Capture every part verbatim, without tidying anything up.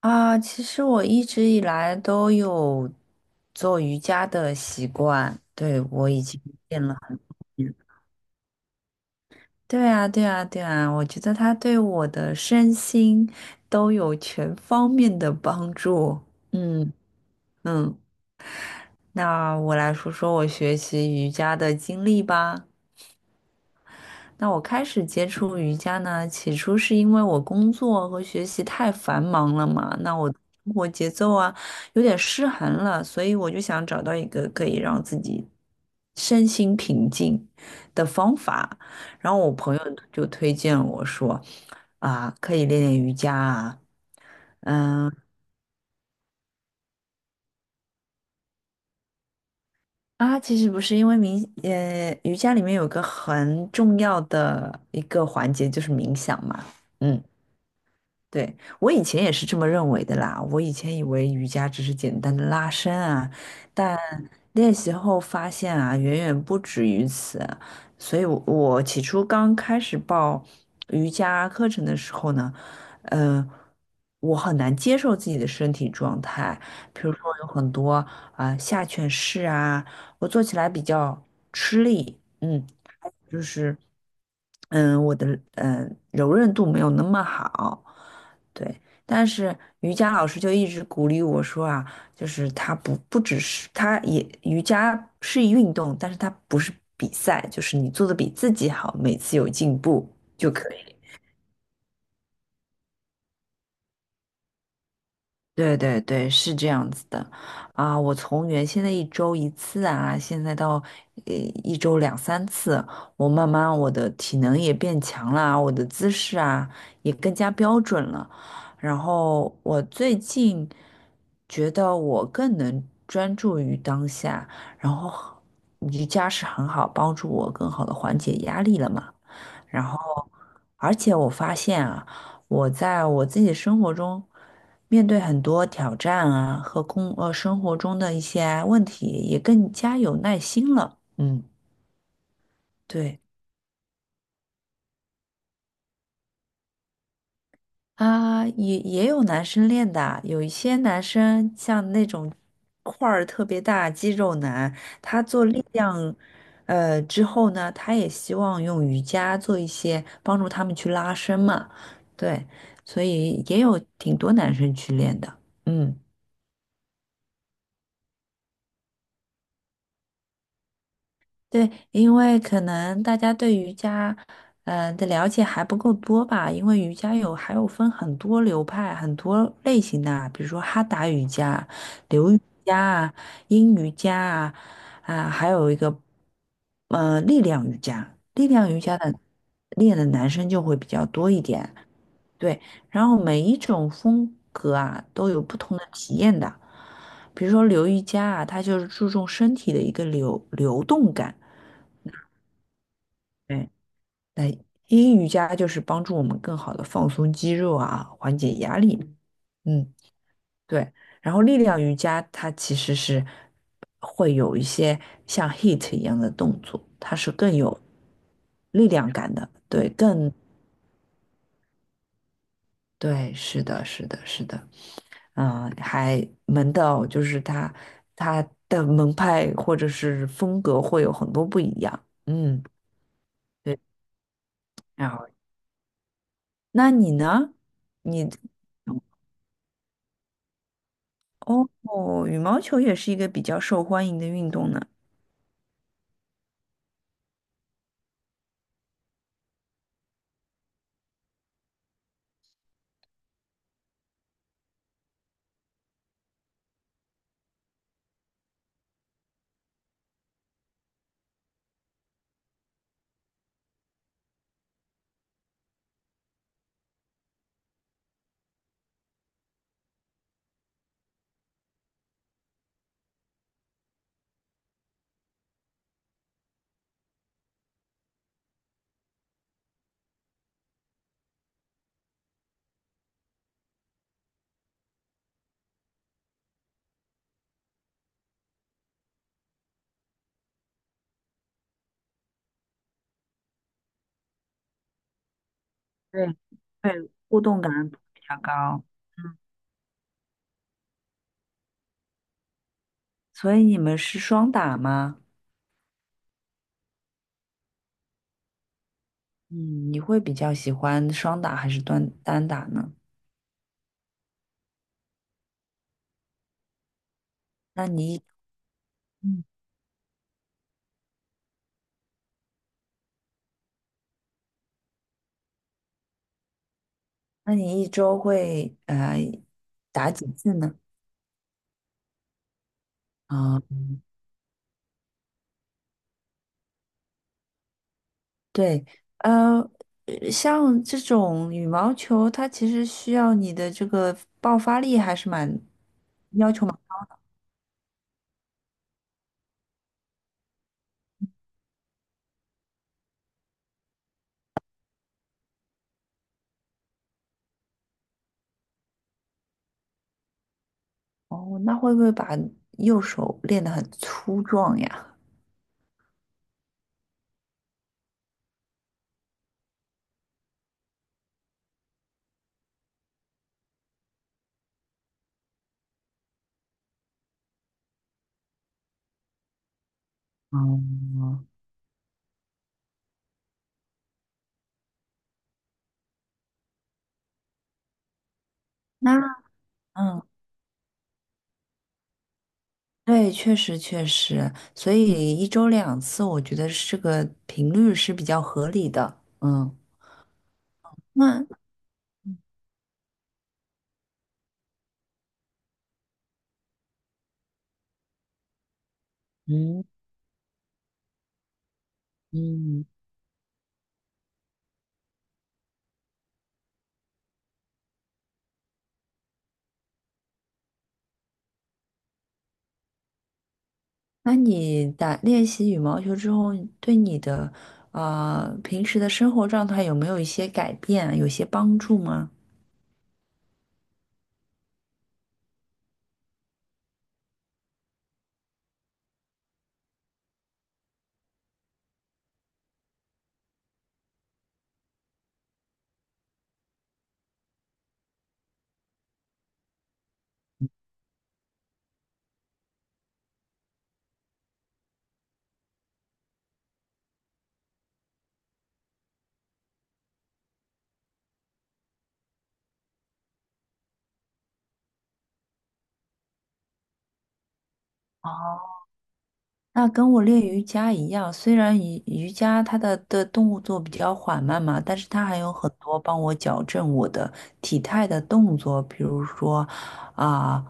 啊，其实我一直以来都有做瑜伽的习惯，对，我已经练了很多年。对啊，对啊，对啊，我觉得它对我的身心都有全方面的帮助。嗯嗯，那我来说说我学习瑜伽的经历吧。那我开始接触瑜伽呢，起初是因为我工作和学习太繁忙了嘛，那我生活节奏啊有点失衡了，所以我就想找到一个可以让自己身心平静的方法。然后我朋友就推荐我说，啊，可以练练瑜伽啊。嗯啊，其实不是，因为冥，呃，瑜伽里面有个很重要的一个环节就是冥想嘛，嗯，对，我以前也是这么认为的啦。我以前以为瑜伽只是简单的拉伸啊，但练习后发现啊，远远不止于此。所以我，我起初刚开始报瑜伽课程的时候呢，呃，我很难接受自己的身体状态，比如说有很多啊、下犬式啊，我做起来比较吃力。嗯，就是，嗯，我的嗯柔韧度没有那么好，对。但是瑜伽老师就一直鼓励我说啊，就是它不不只是它也瑜伽是一运动，但是它不是比赛，就是你做的比自己好，每次有进步。就可以。对对对，是这样子的，啊，我从原先的一周一次啊，现在到呃一周两三次，我慢慢我的体能也变强了啊，我的姿势啊也更加标准了，然后我最近觉得我更能专注于当下，然后瑜伽是很好帮助我更好的缓解压力了嘛。然后，而且我发现啊，我在我自己生活中，面对很多挑战啊和工呃生活中的一些问题，也更加有耐心了。嗯，对。啊，也也有男生练的啊有一些男生像那种块儿特别大肌肉男，他做力量，呃之后呢，他也希望用瑜伽做一些帮助他们去拉伸嘛，对，所以也有挺多男生去练的，嗯。对，因为可能大家对瑜伽，呃的了解还不够多吧，因为瑜伽有还有分很多流派、很多类型的啊比如说哈达瑜伽、流瑜伽啊、阴瑜伽啊，啊，还有一个呃力量瑜伽，力量瑜伽的练的男生就会比较多一点，对，然后每一种风格啊都有不同的体验的，比如说流瑜伽啊，它就是注重身体的一个流流动感。对，那阴瑜伽就是帮助我们更好的放松肌肉啊，缓解压力。嗯，对。然后力量瑜伽它其实是会有一些像 H I I T 一样的动作，它是更有力量感的。对，更对，是的，是的，是的。嗯，还门道就是它它的门派或者是风格会有很多不一样。嗯，对。然后，那你呢？你？哦，哦羽毛球也是一个比较受欢迎的运动呢。对，对，互动感比较高。嗯所以你们是双打吗？嗯，你会比较喜欢双打还是单单打呢？那你一嗯，那你一周会呃打几次呢？啊、对，呃，呃像这种羽毛球，它其实需要你的这个爆发力还是蛮要求蛮。哦，那会不会把右手练得很粗壮呀？嗯，那嗯，对，确实确实，所以一周两次，我觉得是个频率是比较合理的。嗯，那嗯嗯，那你打练习羽毛球之后，对你的呃平时的生活状态有没有一些改变啊有些帮助吗？哦。那跟我练瑜伽一样，虽然瑜瑜伽它的的动作比较缓慢嘛，但是它还有很多帮我矫正我的体态的动作，比如说啊、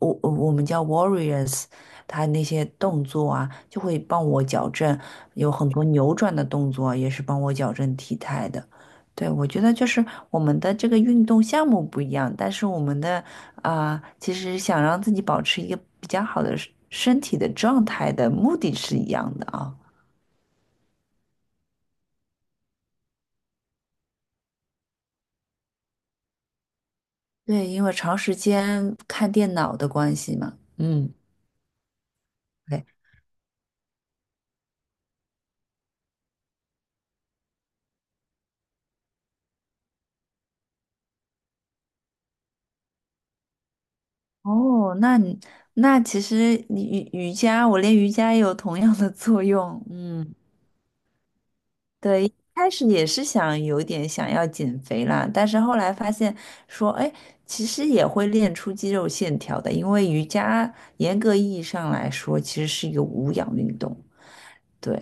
我我我们叫 warriors，它那些动作啊，就会帮我矫正，有很多扭转的动作也是帮我矫正体态的。对，我觉得就是我们的这个运动项目不一样，但是我们的啊，其实想让自己保持一个比较好的身身体的状态的目的是一样的啊。对，因为长时间看电脑的关系嘛。嗯，对。哦，那你那其实你瑜瑜伽，我练瑜伽也有同样的作用。嗯，对，一开始也是想有点想要减肥啦，但是后来发现说，哎，其实也会练出肌肉线条的，因为瑜伽严格意义上来说，其实是一个无氧运动。对。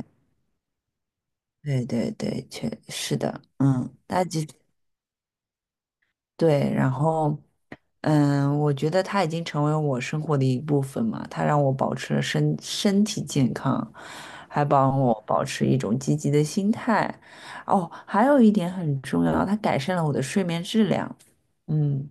对对对，确是的，嗯，他其实对，然后嗯，我觉得他已经成为我生活的一部分嘛，他让我保持了身身体健康，还帮我保持一种积极的心态。哦，还有一点很重要，它改善了我的睡眠质量。嗯，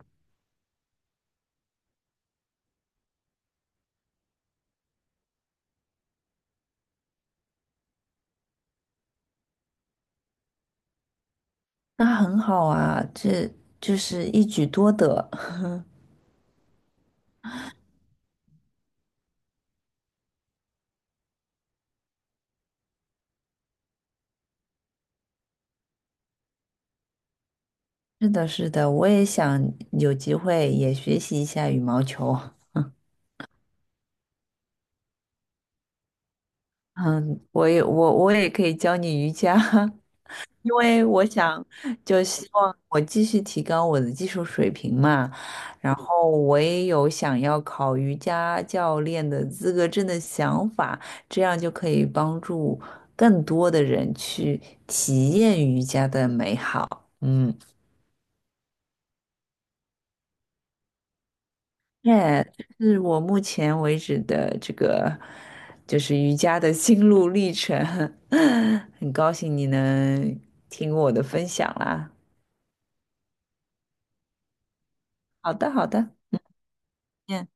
那很好啊，这就是一举多得。是的，是的，我也想有机会也学习一下羽毛球。嗯，我也我我也可以教你瑜伽，因为我想就希望我继续提高我的技术水平嘛，然后我也有想要考瑜伽教练的资格证的想法，这样就可以帮助更多的人去体验瑜伽的美好。嗯。耶，是我目前为止的这个就是瑜伽的心路历程，很高兴你能听我的分享啦。好的，好的，嗯。